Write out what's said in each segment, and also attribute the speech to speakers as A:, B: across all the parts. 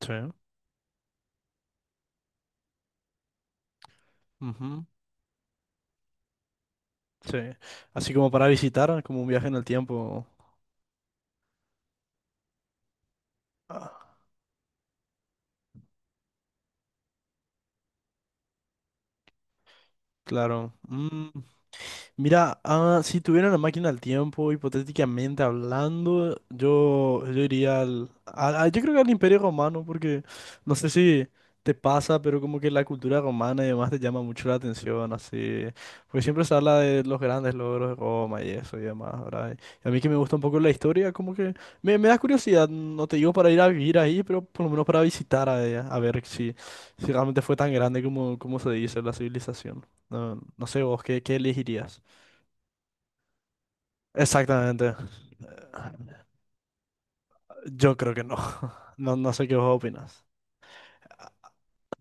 A: Sí, ujú, sí. Así como para visitar, como un viaje en el tiempo. Ah, claro. Mm, mira, si tuviera una máquina del tiempo, hipotéticamente hablando, yo iría yo creo que al Imperio Romano, porque no sé si te pasa, pero como que la cultura romana y demás te llama mucho la atención, así. Porque siempre se habla de los grandes logros de Roma y eso y demás, ¿verdad? Y a mí que me gusta un poco la historia, como que me da curiosidad, no te digo para ir a vivir ahí, pero por lo menos para visitar a ella, a ver si, si realmente fue tan grande como, como se dice la civilización. No, no sé vos, ¿qué, qué elegirías? Exactamente. Yo creo que no. No, no sé qué vos opinas.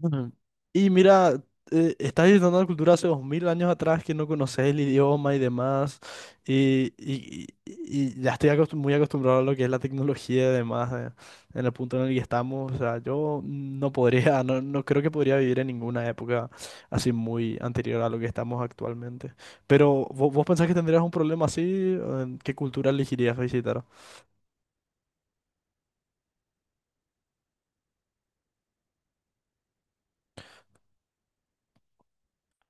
A: Ujú. Y mira, estás visitando una cultura hace 2000 años atrás que no conoces el idioma y demás, y, y- y- y ya estoy muy acostumbrado a lo que es la tecnología y demás, en el punto en el que estamos. O sea, yo no podría, no, no creo que podría vivir en ninguna época así muy anterior a lo que estamos actualmente. Pero, ¿vos pensás que tendrías un problema así? ¿Qué cultura elegirías visitar?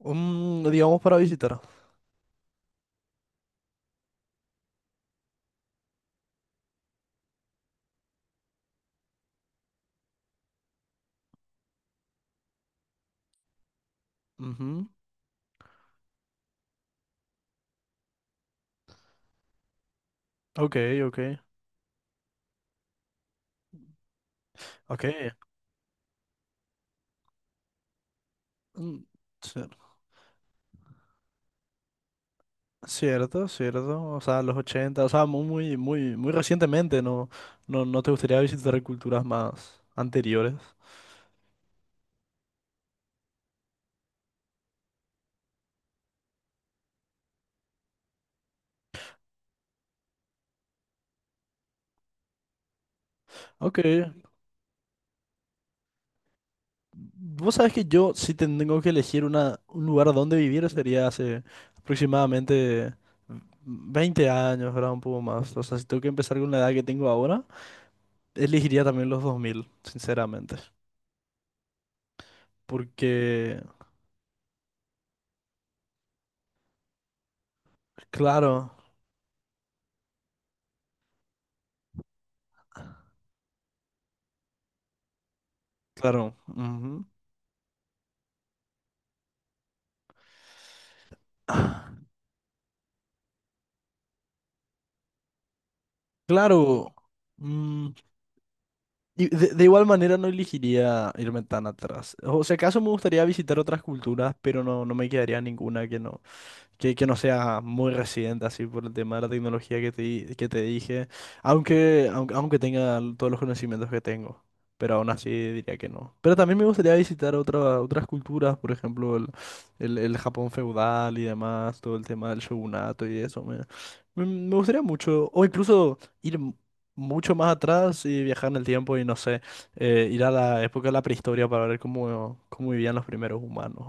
A: Mm, digamos para visitar. Ujú. Ok, ok, ok. Mm, cier- cierto, cierto. O sea, los 80, o sea, muy, muy, muy recientemente, ¿no? No, no te gustaría visitar culturas más anteriores. Ok. Vos sabés que yo, si tengo que elegir una, un lugar donde vivir, sería hace aproximadamente 20 años, ¿verdad? Un poco más. O sea, si tengo que empezar con la edad que tengo ahora, elegiría también los 2000, sinceramente. Porque, claro. Claro, ujú. Claro. Mm, y de igual manera no elegiría irme tan atrás. O sea, acaso me gustaría visitar otras culturas, pero no, no me quedaría ninguna que no. Que no sea muy resiliente así por el tema de la tecnología que que te dije, aunque tenga todos los conocimientos que tengo, pero aún así diría que no. Pero también me gustaría visitar otras culturas, por ejemplo, el Japón feudal y demás, todo el tema del shogunato y eso, me gustaría mucho, o incluso mucho más atrás y viajar en el tiempo y no sé, ir a la época de la prehistoria para ver cómo, cómo vivían los primeros humanos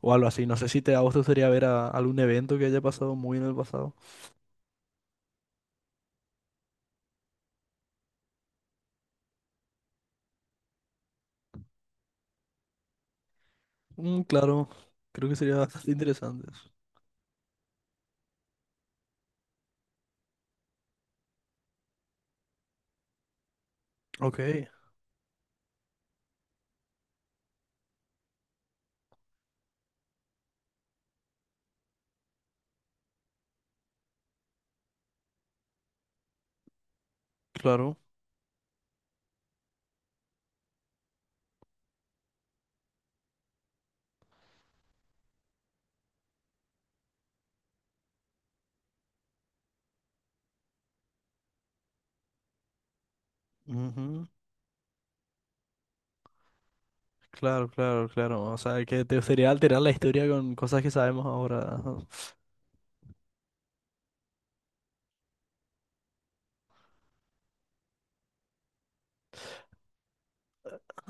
A: o algo así. No sé si te, a vos te gustaría ver a algún evento que haya pasado muy en el pasado. Mm, claro, creo que sería bastante interesante. Ok, claro, ujú. Claro, claro, claro. O sea, que te gustaría alterar la historia con cosas que sabemos ahora. Ajá.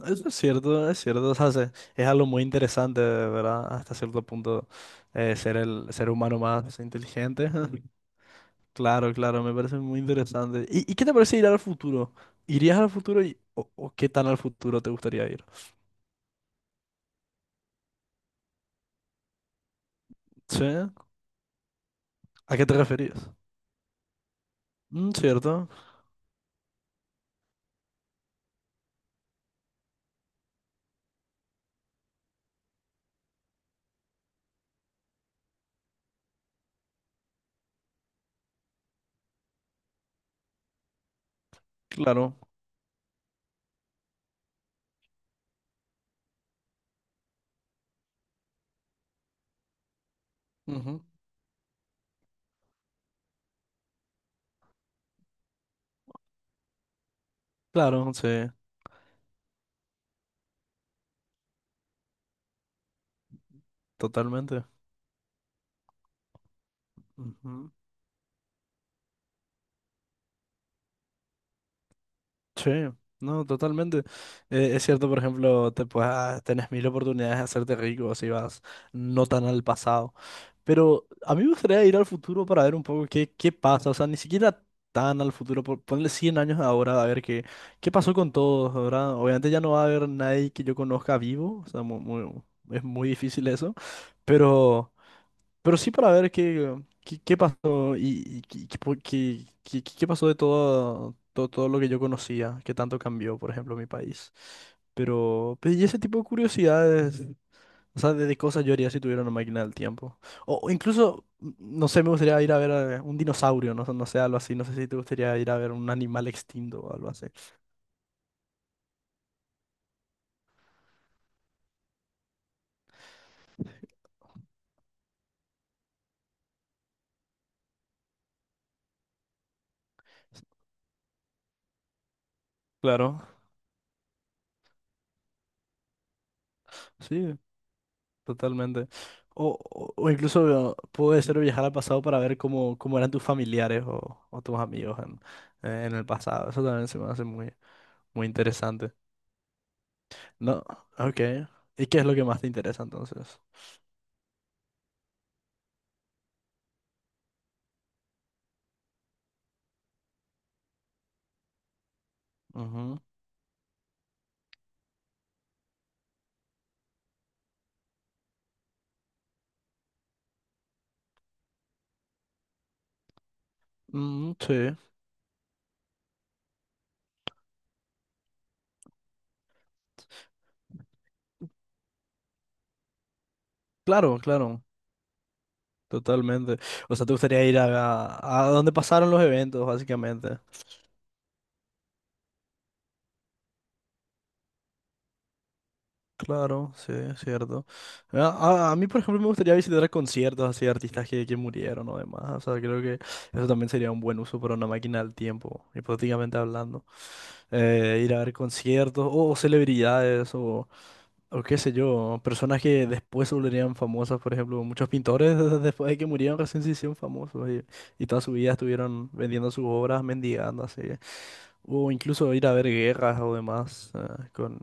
A: Eso es cierto, es cierto. O sea, es algo muy interesante, ¿verdad? Hasta cierto punto, ser el ser humano más inteligente. Claro, claro, me parece muy interesante. Y qué te parece ir al futuro? ¿Irías al futuro y, o qué tan al futuro te gustaría ir? Sí. ¿A qué te referías? Mm, cierto, claro, ujú. Claro, sí, totalmente. Ujú. Sí, no, totalmente. Es cierto, por ejemplo, tenés mil oportunidades de hacerte rico si vas no tan al pasado. Pero a mí me gustaría ir al futuro para ver un poco qué, qué pasa. O sea, ni siquiera tan al futuro. Ponle 100 años ahora a ver qué, qué pasó con todos, ¿verdad? Obviamente ya no va a haber nadie que yo conozca vivo. O sea, es muy difícil eso. Pero... Pero sí para ver qué, qué, qué pasó y qué, pasó de todo, todo, todo lo que yo conocía, qué tanto cambió, por ejemplo, mi país. Pero, y ese tipo de curiosidades, o sea, de cosas yo haría si tuviera una máquina del tiempo. O incluso, mm, no sé, me gustaría ir a ver a un dinosaurio, no sé, algo así. No sé si te gustaría ir a ver un animal extinto o algo así. Claro. Sí. Totalmente. O incluso puede ser viajar al pasado para ver cómo, cómo eran tus familiares o tus amigos en el pasado. Eso también se me hace muy, muy interesante. No, ok. ¿Y qué es lo que más te interesa entonces? Ujú. Mm, sí, claro, claro. Totalmente. O sea, te gustaría ir a donde pasaron los eventos, básicamente. Claro, sí, es cierto. A mí, por ejemplo, me gustaría visitar conciertos así de artistas que murieron o demás. O sea, creo que eso también sería un buen uso para una máquina del tiempo, hipotéticamente hablando. Ir a ver conciertos o, celebridades o qué sé yo, personas que después se volverían famosas, por ejemplo. Muchos pintores después de que murieron recién se hicieron famosos y toda su vida estuvieron vendiendo sus obras, mendigando así. O incluso ir a ver guerras o demás, con...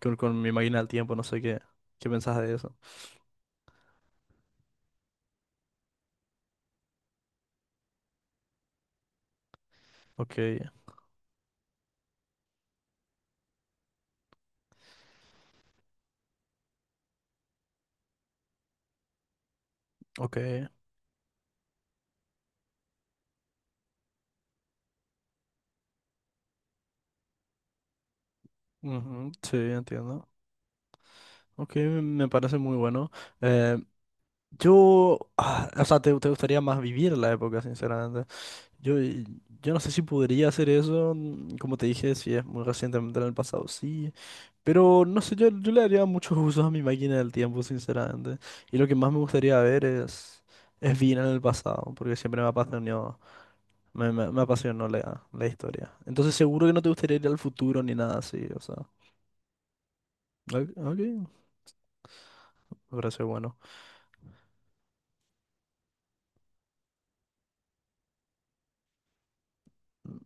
A: Con mi máquina del tiempo, no sé qué, qué pensás de eso. Ok, ok, ujú, sí, entiendo. Ok, me parece muy bueno. Eh, yo, o sea, te gustaría más vivir la época, sinceramente. Yo, y- yo no sé si podría hacer eso, mm, como te dije, si es muy recientemente en el pasado, sí. Pero no sé, yo le haría muchos usos a mi máquina del tiempo, sinceramente. Y lo que más me gustaría ver es bien en el pasado, porque siempre me ha apasionado. Me apasionó la, la historia. Entonces seguro que no te gustaría ir al futuro ni nada así, o sea. Ok, ok, me parece bueno.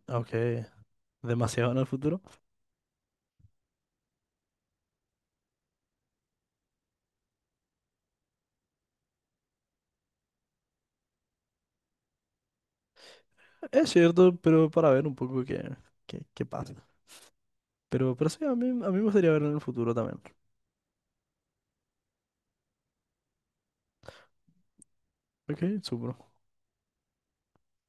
A: Ok, demasiado en el futuro. Es cierto, pero para ver un poco qué, qué, qué pasa. Pero sí, a mí me gustaría ver en el futuro también. Ok, súper.